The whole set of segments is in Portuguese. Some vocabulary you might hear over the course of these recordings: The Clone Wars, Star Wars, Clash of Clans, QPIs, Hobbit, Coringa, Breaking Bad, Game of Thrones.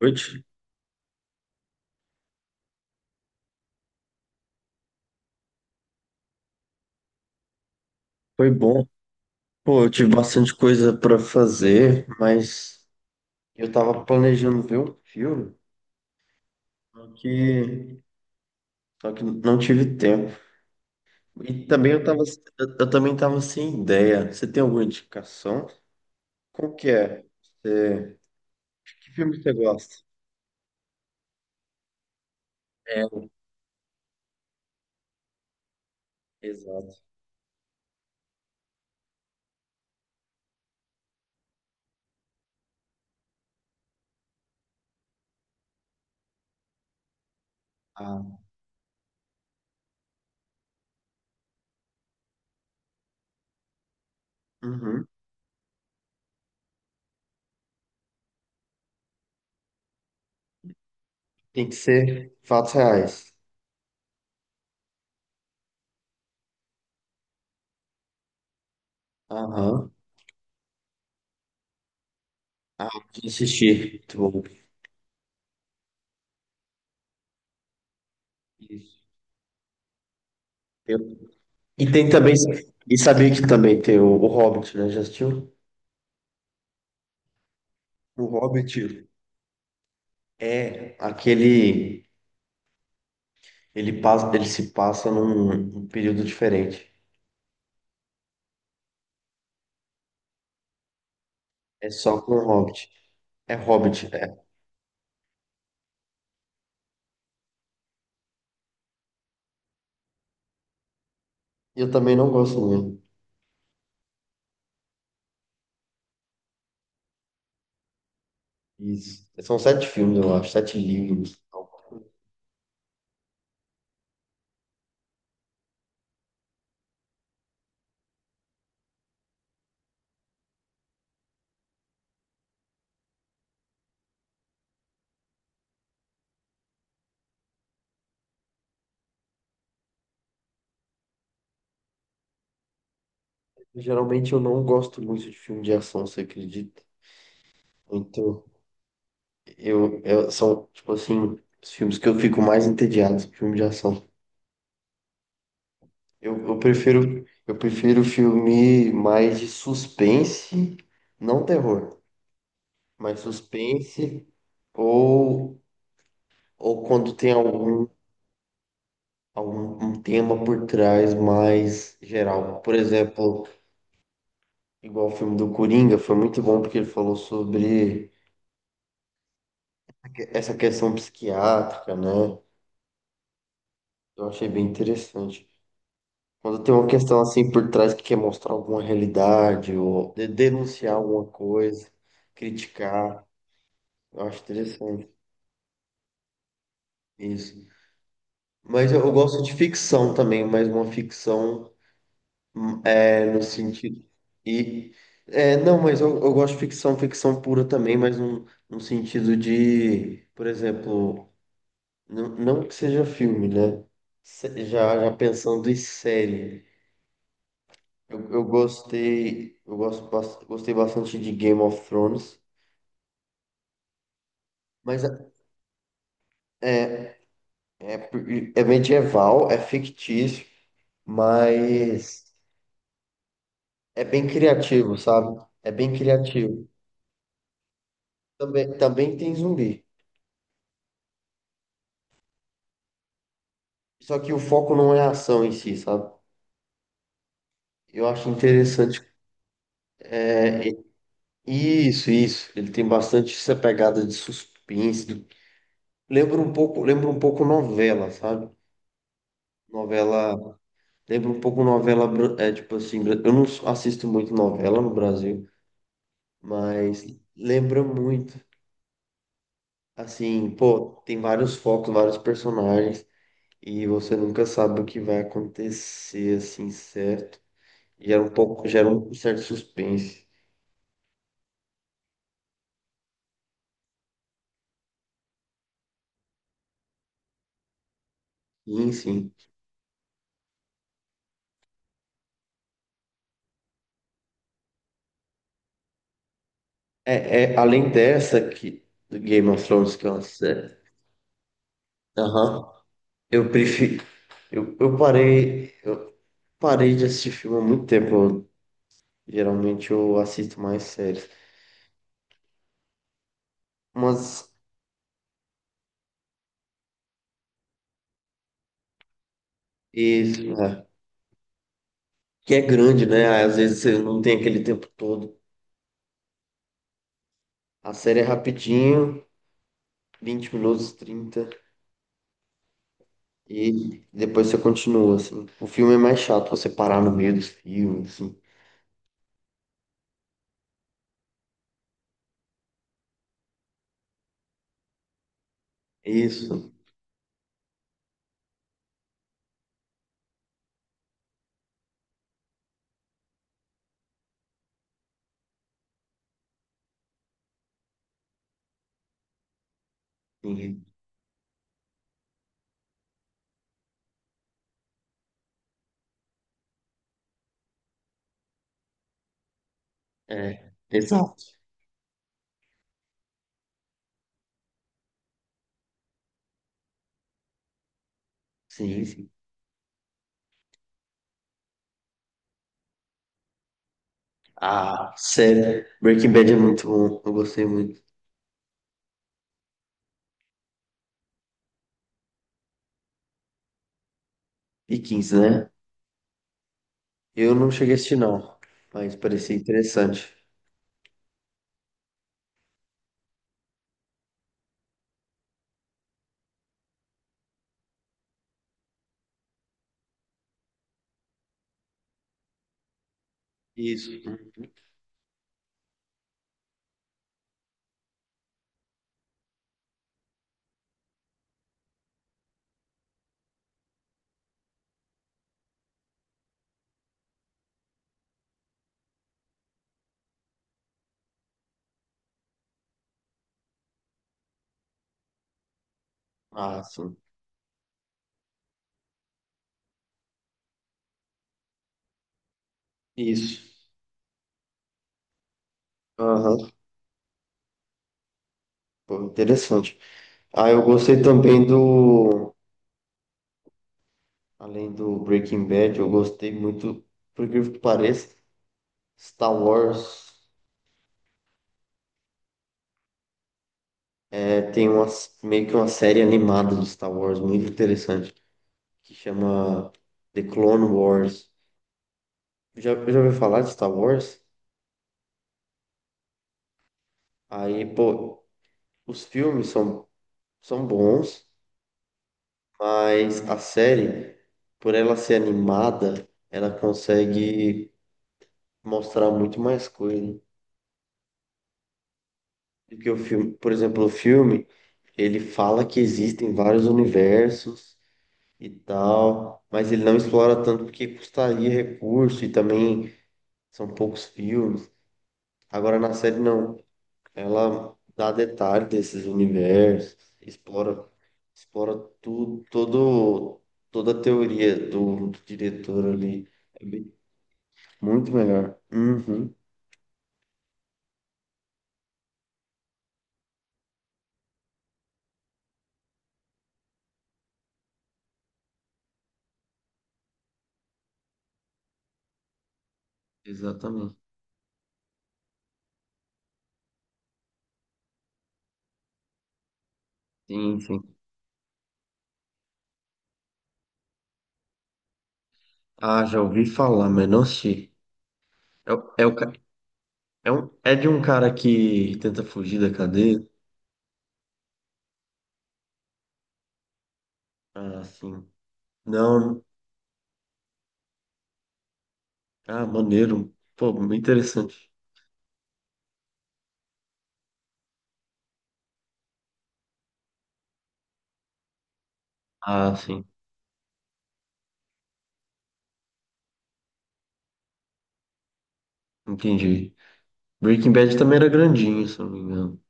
Noite. Foi bom. Pô, eu tive bastante coisa pra fazer, mas eu tava planejando ver um filme, só que, só que não tive tempo. E também eu tava, eu também tava sem ideia. Você tem alguma indicação? Qual que é? Que filme que você gosta? É, exato. Ah, uhum. Tem que ser fatos reais. Aham. Ah, que assistir. Muito bom. Isso. Eu- E tem também, e sabia que também tem o Hobbit, né? Já assistiu? O Hobbit é aquele. Ele passa, ele se passa num período diferente. É só com o Hobbit. É Hobbit, é. Eu também não gosto muito. Isso. São 7 filmes, eu acho, 7 livros. Geralmente eu não gosto muito de filme de ação, você acredita? Então, eu são, tipo assim, os filmes que eu fico mais entediado, filme de ação. Eu prefiro filme mais de suspense, não terror. Mais suspense, ou, ou quando tem algum um tema por trás mais geral. Por exemplo, igual o filme do Coringa, foi muito bom porque ele falou sobre essa questão psiquiátrica, né? Eu achei bem interessante. Quando tem uma questão assim por trás que quer mostrar alguma realidade ou denunciar alguma coisa, criticar, eu acho interessante isso. Mas eu gosto de ficção também, mas uma ficção. É, no sentido. E, é, não, mas eu gosto de ficção, ficção pura também, mas num sentido de, por exemplo, não que seja filme, né? Já pensando em série. Eu gostei, eu gosto, bas- gostei bastante de Game of Thrones, mas é, é, é por- é medieval, é fictício, mas é bem criativo, sabe? É bem criativo. Também, também tem zumbi. Só que o foco não é a ação em si, sabe? Eu acho interessante. É, é- isso, isso. Ele tem bastante essa pegada de suspense. Lembra um pouco novela, sabe? Novela, lembra um pouco novela, é tipo assim, bra- eu não s- assisto muito novela no Brasil, mas lembra muito. Assim, pô, tem vários focos, vários personagens e você nunca sabe o que vai acontecer assim, certo? Gera um certo suspense. Sim, sim. É, é, além dessa aqui, do Game of Thrones, que é uma série. Aham. Eu prefiro. Eu parei de assistir filme há muito tempo. Geralmente eu assisto mais séries. Mas isso, é, que é grande, né? Às vezes você não tem aquele tempo todo. A série é rapidinho, 20 minutos, 30 e depois você continua, assim. O filme é mais chato, você parar no meio dos filmes, assim. Isso. Sim. É. Exato. Sim, sim. Ah, sério. Breaking Bad é muito bom. Eu gostei muito. E 15, né? Eu não cheguei a assistir, não. Mas parecia interessante. Isso. Ah, sim. Isso. Aham. Pô, interessante. Ah, eu gostei também do. Além do Breaking Bad, eu gostei muito, por incrível que pareça, Star Wars. É, tem uma, meio que uma série animada do Star Wars muito interessante que chama The Clone Wars. Já, já ouviu falar de Star Wars? Aí, pô, os filmes são, são bons, mas a série, por ela ser animada, ela consegue mostrar muito mais coisa do que o filme. Por exemplo, o filme, ele fala que existem vários universos e tal, mas ele não explora tanto porque custaria recurso e também são poucos filmes. Agora na série não. Ela dá detalhe desses universos, explora, explora tudo, todo, toda a teoria do diretor ali. É bem- muito melhor. Uhum, exatamente. Sim, sim. Ah, já ouvi falar, mas não sei. É, o- é, o, ca- é, um, é de um cara que tenta fugir da cadeia? Ah, sim. Não. Ah, maneiro. Pô, muito interessante. Ah, sim. Entendi. Breaking Bad também era grandinho, se eu não me engano.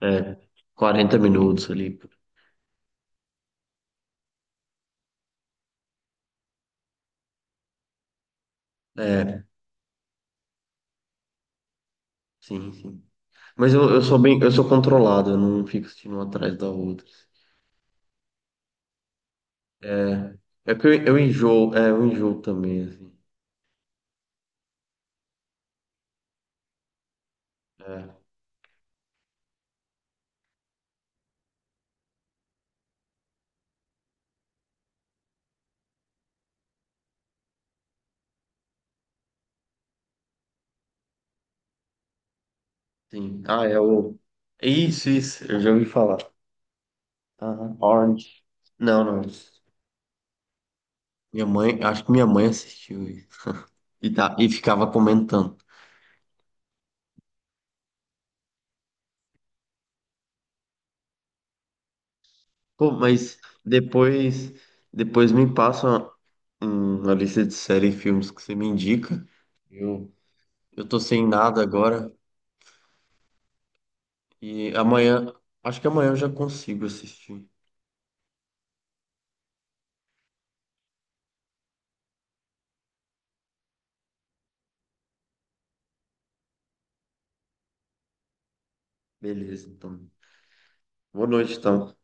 É, 40 minutos ali. É, sim, sim. Mas eu sou controlado, eu não fico assistindo uma atrás da outra. É, é que eu enjoo, é, eu enjoo também, assim. É, sim. Ah, é o... Isso, eu já ouvi falar. Aham. Orange. Não, não. Minha mãe, acho que minha mãe assistiu isso. E, tá, e ficava comentando. Pô, mas depois, depois me passa uma, uma lista de série e filmes que você me indica. Eu, eu tô sem nada agora. E amanhã, acho que amanhã eu já consigo assistir. Beleza, então. Boa noite, então.